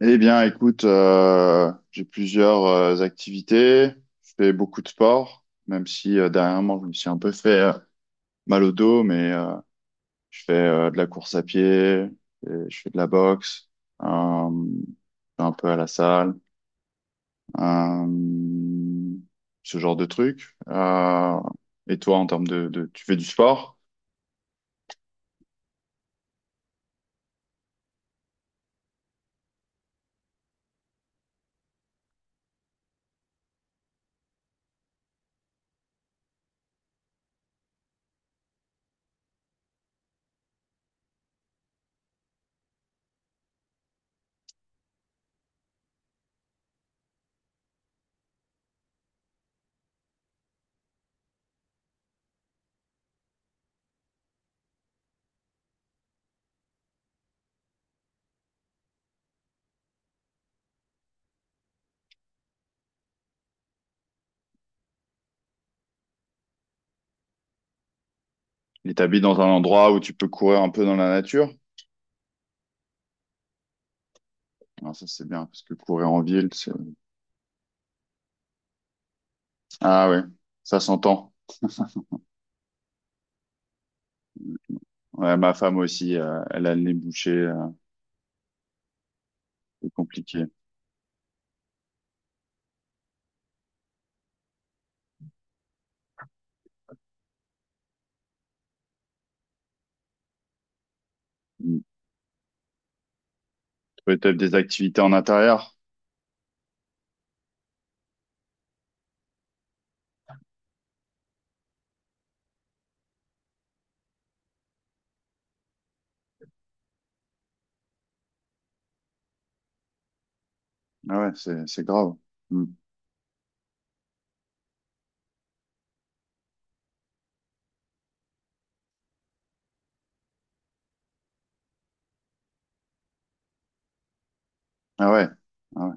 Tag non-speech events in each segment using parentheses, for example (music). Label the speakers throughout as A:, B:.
A: Eh bien, écoute, j'ai plusieurs activités. Je fais beaucoup de sport, même si dernièrement, je me suis un peu fait mal au dos, je fais de la course à pied, et je fais de la boxe, euh, je vais un peu à la salle, euh, ce genre de truc. Et toi, en termes de, tu fais du sport et t'habites dans un endroit où tu peux courir un peu dans la nature? Alors ça, c'est bien, parce que courir en ville, c'est... Ah ouais, ça s'entend. Ouais, ma femme aussi, elle a le nez bouché, c'est compliqué. Mm. Peut-être des activités en intérieur. Ah ouais, c'est grave. Mm. Ah ouais. Ah ouais.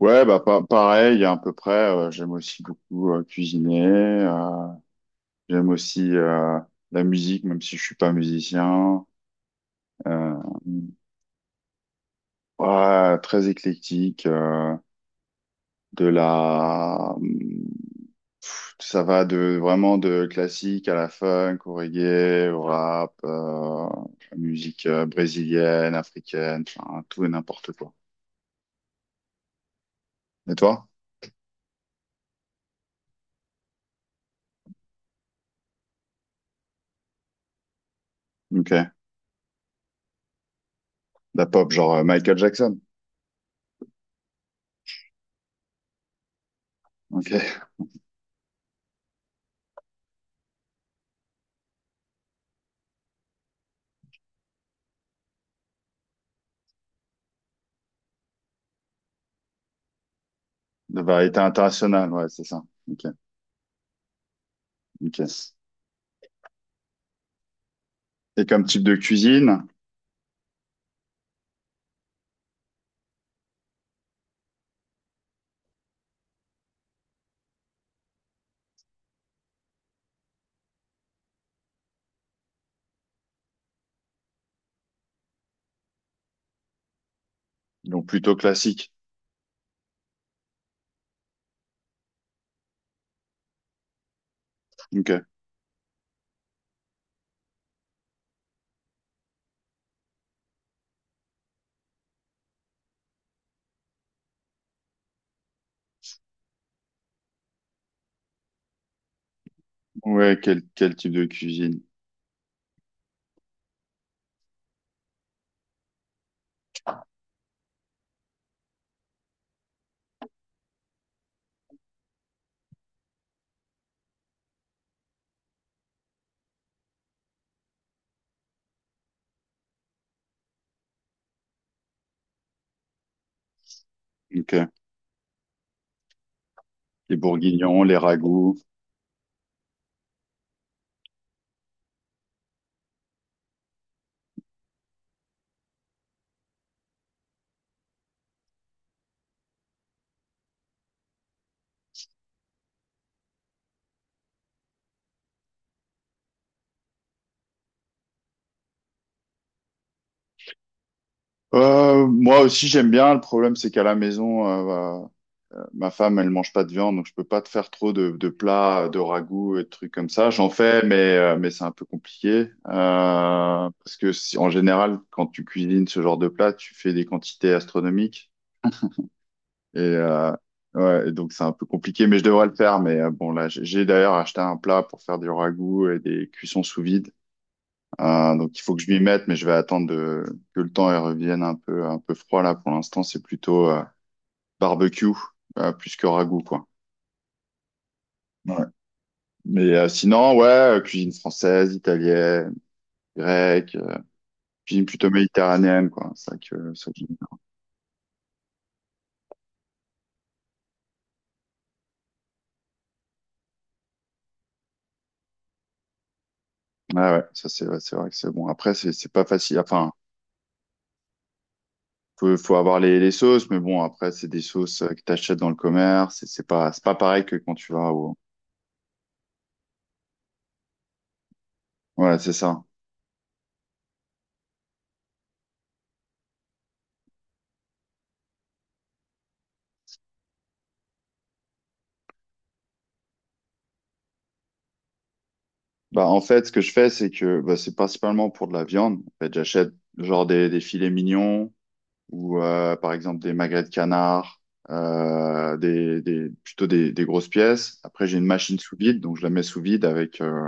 A: Ouais, bah pareil, à peu près. J'aime aussi beaucoup cuisiner. euh, j'aime aussi la musique, même si je suis pas musicien. Euh, ouais, très éclectique. De la ça va de vraiment de classique à la funk, au reggae, au rap, musique brésilienne, africaine, enfin, tout et n'importe quoi. Et toi? Ok. De la pop, genre Michael Jackson. Ok. De variété internationale, ouais, c'est ça. Ok. Ok. Et comme type de cuisine? Donc plutôt classique. Ok. Ouais, quel, quel type de cuisine? Ok. Les bourguignons, les ragoûts. Moi aussi j'aime bien. Le problème c'est qu'à la maison, ma femme, elle mange pas de viande, donc je peux pas te faire trop de plats, de ragoûts et de trucs comme ça. J'en fais, mais c'est un peu compliqué. Parce que en général, quand tu cuisines ce genre de plat, tu fais des quantités astronomiques. Et, ouais, et donc c'est un peu compliqué, mais je devrais le faire. Mais bon, là, j'ai d'ailleurs acheté un plat pour faire du ragoût et des cuissons sous vide. Donc il faut que je m'y mette, mais je vais attendre de- que le temps elle revienne un peu froid là. Pour l'instant, c'est plutôt barbecue plus que ragoût, quoi. Mais sinon, ouais, cuisine française, italienne, grecque, cuisine plutôt méditerranéenne, quoi. C'est vrai que ça, que j'aime bien. Ouais, ouais, ça c'est ouais, c'est vrai que c'est bon. Après, c'est pas facile. Enfin, faut avoir les sauces, mais bon, après c'est des sauces que t'achètes dans le commerce. C'est pas pareil que quand tu vas au. Ouais, c'est ça. Bah en fait, ce que je fais, c'est que bah, c'est principalement pour de la viande. En fait, j'achète genre des filets mignons. Ou par exemple des magrets de canard, plutôt des grosses pièces. Après, j'ai une machine sous vide, donc je la mets sous vide avec,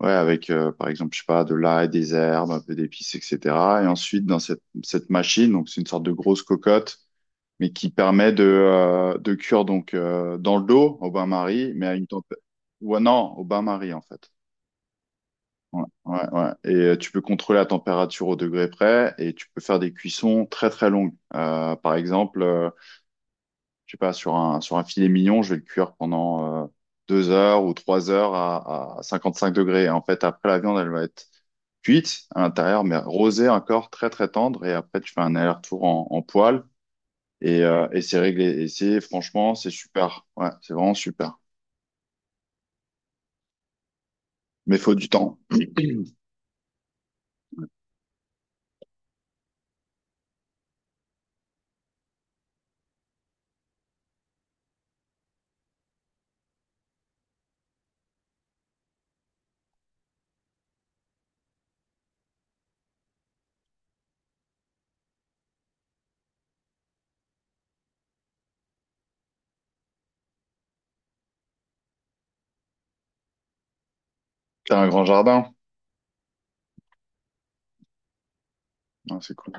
A: ouais, avec par exemple, je sais pas, de l'ail, des herbes, un peu d'épices, etc. Et ensuite, dans cette, cette machine, donc c'est une sorte de grosse cocotte, mais qui permet de cuire donc dans le dos au bain-marie, mais à une température... Ouais, non, au bain-marie en fait. Ouais, ouais, ouais. Et tu peux contrôler la température au degré près et tu peux faire des cuissons très très longues. Par exemple, je sais pas, sur un filet mignon, je vais le cuire pendant 2 heures ou 3 heures à 55 degrés. Et en fait, après, la viande, elle va être cuite à l'intérieur, mais rosée encore, très, très tendre. Et après, tu fais un aller-retour en, en poêle et c'est réglé. Et c'est, franchement, c'est super. Ouais, c'est vraiment super. Mais faut du temps. T'as un grand jardin? Ah, c'est cool.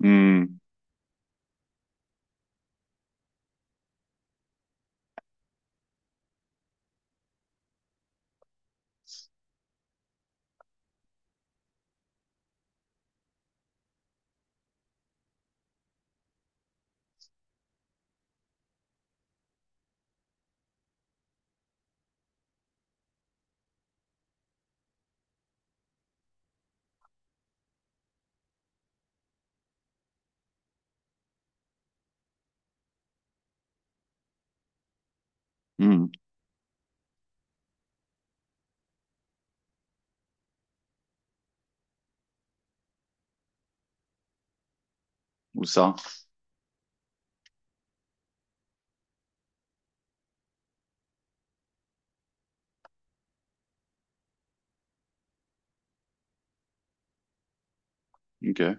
A: Hmm, hmm. Où ça? Ok.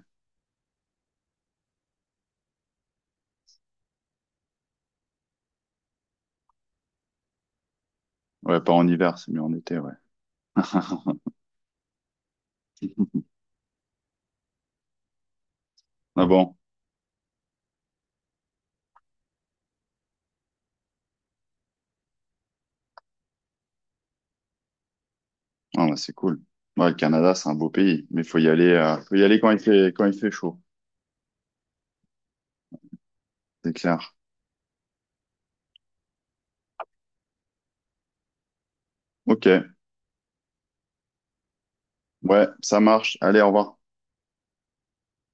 A: Ouais, pas en hiver, c'est mieux en été, ouais. (laughs) Ah bon? Ah, bah, c'est cool. Ouais, le Canada, c'est un beau pays, mais faut y aller quand il fait chaud, c'est clair. Ok, ouais, ça marche. Allez, au revoir.